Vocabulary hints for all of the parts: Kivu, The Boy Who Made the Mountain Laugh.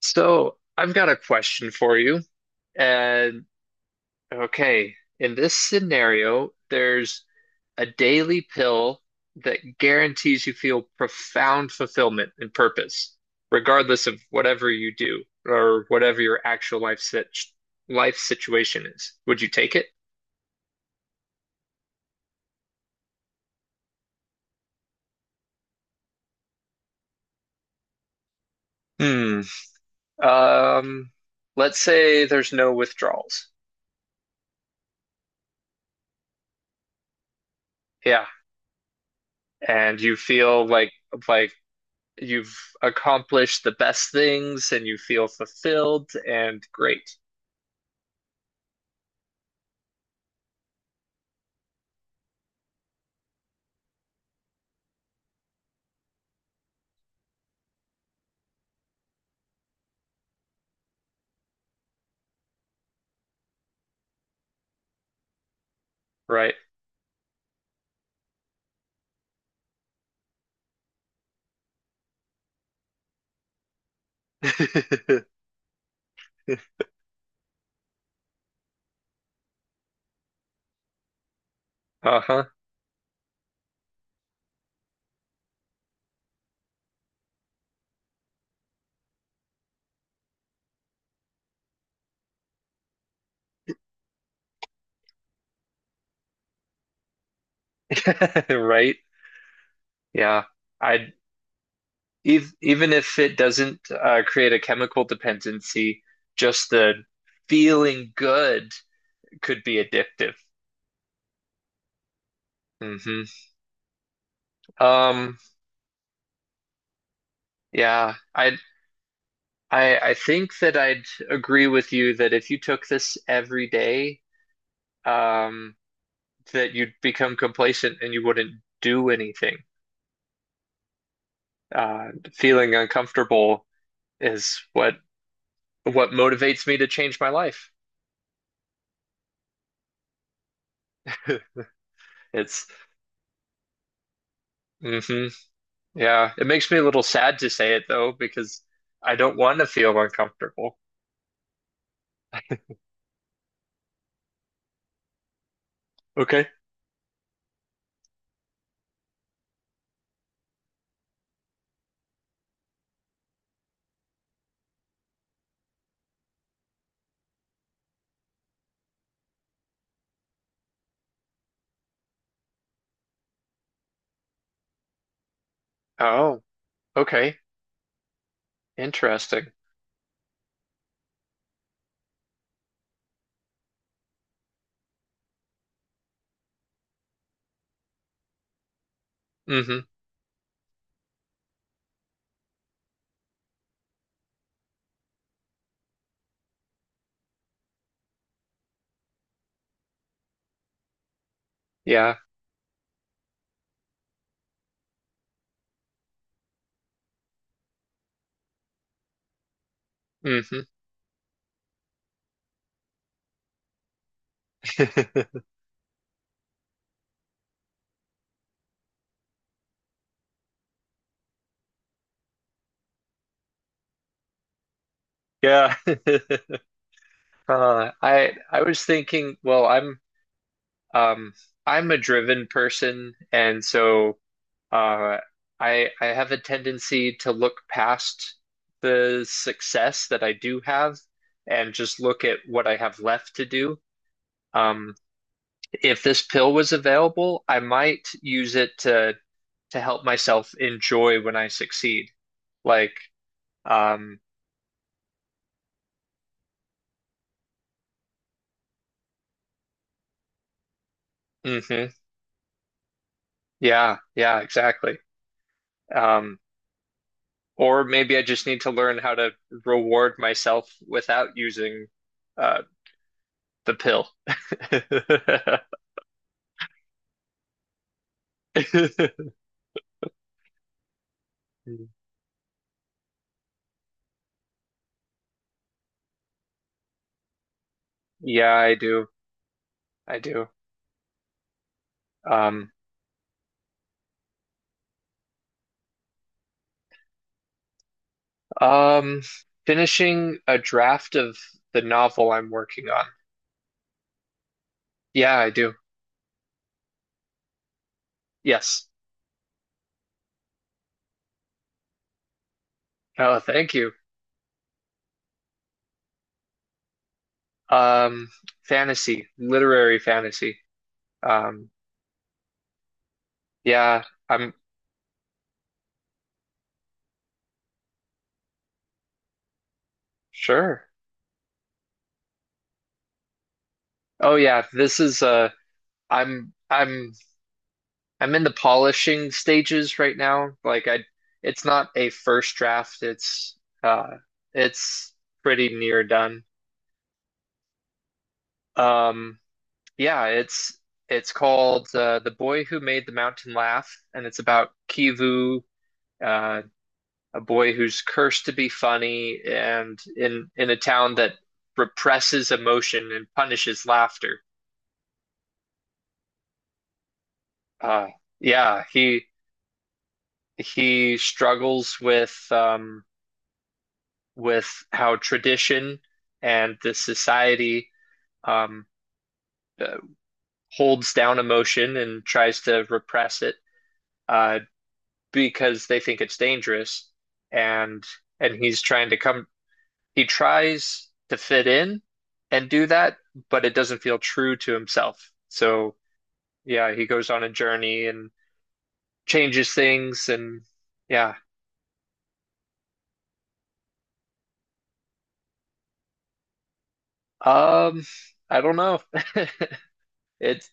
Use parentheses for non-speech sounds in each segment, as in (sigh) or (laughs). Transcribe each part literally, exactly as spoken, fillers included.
So I've got a question for you. And okay, in this scenario, there's a daily pill that guarantees you feel profound fulfillment and purpose, regardless of whatever you do or whatever your actual life sit life situation is. Would you take it? Hmm. Um, let's say there's no withdrawals. Yeah. And you feel like like you've accomplished the best things and you feel fulfilled and great, right? (laughs) Uh-huh. (laughs) Right? Yeah. I'd ev Even if it doesn't uh, create a chemical dependency, just the feeling good could be addictive. hmm Um, yeah. I I I think that I'd agree with you that if you took this every day, um, that you'd become complacent and you wouldn't do anything. Uh, feeling uncomfortable is what what motivates me to change my life. (laughs) It's hmm Yeah, it makes me a little sad to say it though because I don't want to feel uncomfortable. Okay. Oh, okay. Interesting. Hmm Yeah. hmm (laughs) Yeah. (laughs) Uh, I I was thinking, well, I'm um I'm a driven person, and so Uh, I I have a tendency to look past the success that I do have and just look at what I have left to do. Um, if this pill was available, I might use it to to help myself enjoy when I succeed. Like, um, hmm yeah, yeah, exactly. Um, or maybe I just need to learn how to reward myself without using uh, the pill. (laughs) Yeah, I do. I do. Um, um, Finishing a draft of the novel I'm working on. Yeah, I do. Yes. Oh, thank you. Um, Fantasy, literary fantasy. Um, yeah, I'm sure. Oh yeah, this is uh I'm I'm I'm in the polishing stages right now. Like I It's not a first draft, it's uh it's pretty near done. Um Yeah, it's it's called uh, The Boy Who Made the Mountain Laugh, and it's about Kivu, uh, a boy who's cursed to be funny, and in in a town that represses emotion and punishes laughter. Uh, yeah, he he struggles with um, with how tradition and the society um, uh, holds down emotion and tries to repress it. Uh, because they think it's dangerous and and he's trying to come he tries to fit in and do that, but it doesn't feel true to himself. So yeah, he goes on a journey and changes things, and yeah. Um I don't know. (laughs) It's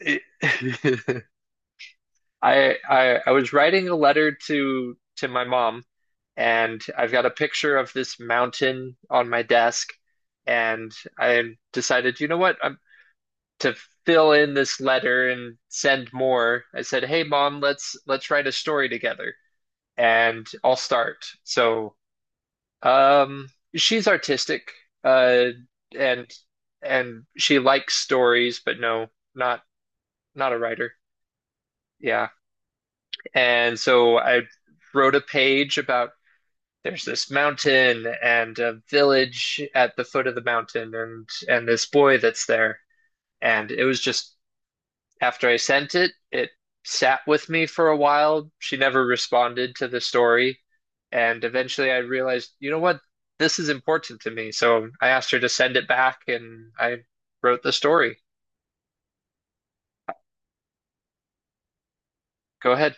it, (laughs) I I I was writing a letter to to my mom, and I've got a picture of this mountain on my desk, and I decided, you know what? I'm to Fill in this letter and send more. I said, "Hey mom, let's let's write a story together." And I'll start. So, um she's artistic, uh and and she likes stories, but no, not not a writer. Yeah. And so I wrote a page about there's this mountain and a village at the foot of the mountain, and and this boy that's there. And it was just After I sent it, it sat with me for a while. She never responded to the story. And eventually I realized, you know what? This is important to me. So I asked her to send it back, and I wrote the story. Go ahead.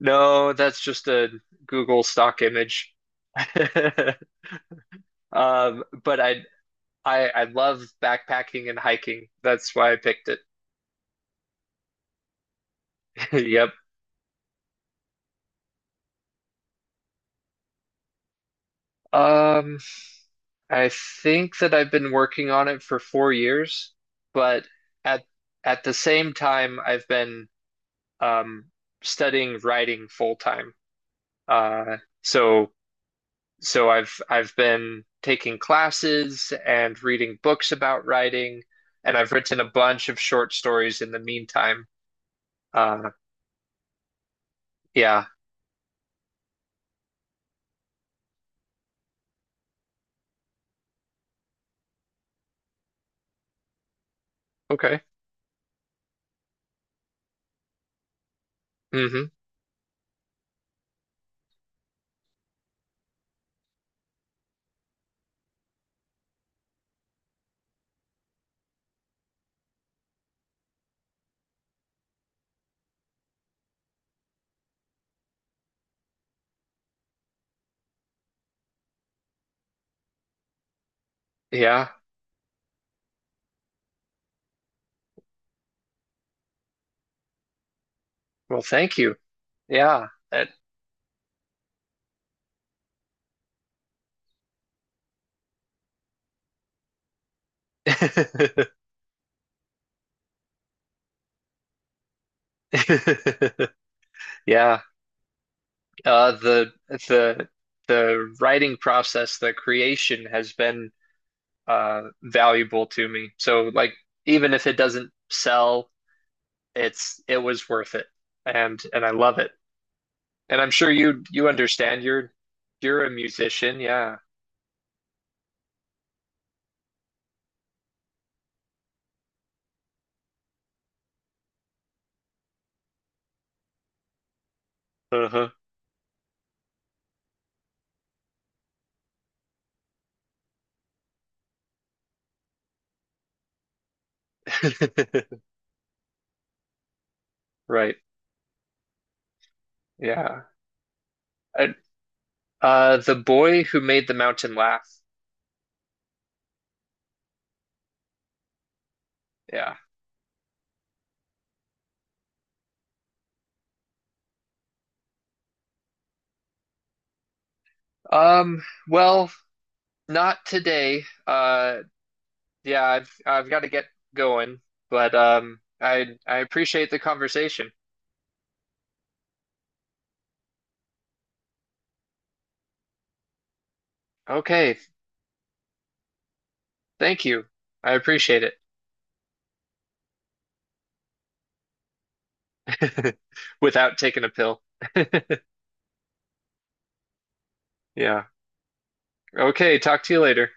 No, that's just a Google stock image. (laughs) Um, but I, I I love backpacking and hiking. That's why I picked it. (laughs) Yep. Um, I think that I've been working on it for four years, but at at the same time, I've been um, studying writing full time. Uh, so so I've I've been taking classes and reading books about writing, and I've written a bunch of short stories in the meantime. Uh, yeah. Okay. hmm Yeah. Well, thank you. Yeah. That- (laughs) Yeah. Uh, the the the writing process, the creation has been uh valuable to me. So like even if it doesn't sell, it's it was worth it. And and I love it. And I'm sure you you understand you're you're a musician, yeah. Uh-huh. (laughs) Right. Yeah. And, uh The Boy Who Made the Mountain Laugh. Yeah. Um, well, not today. Uh Yeah, I've I've got to get going, but um, I I appreciate the conversation. Okay, thank you. I appreciate it. (laughs) Without taking a pill. (laughs) Yeah. Okay, talk to you later.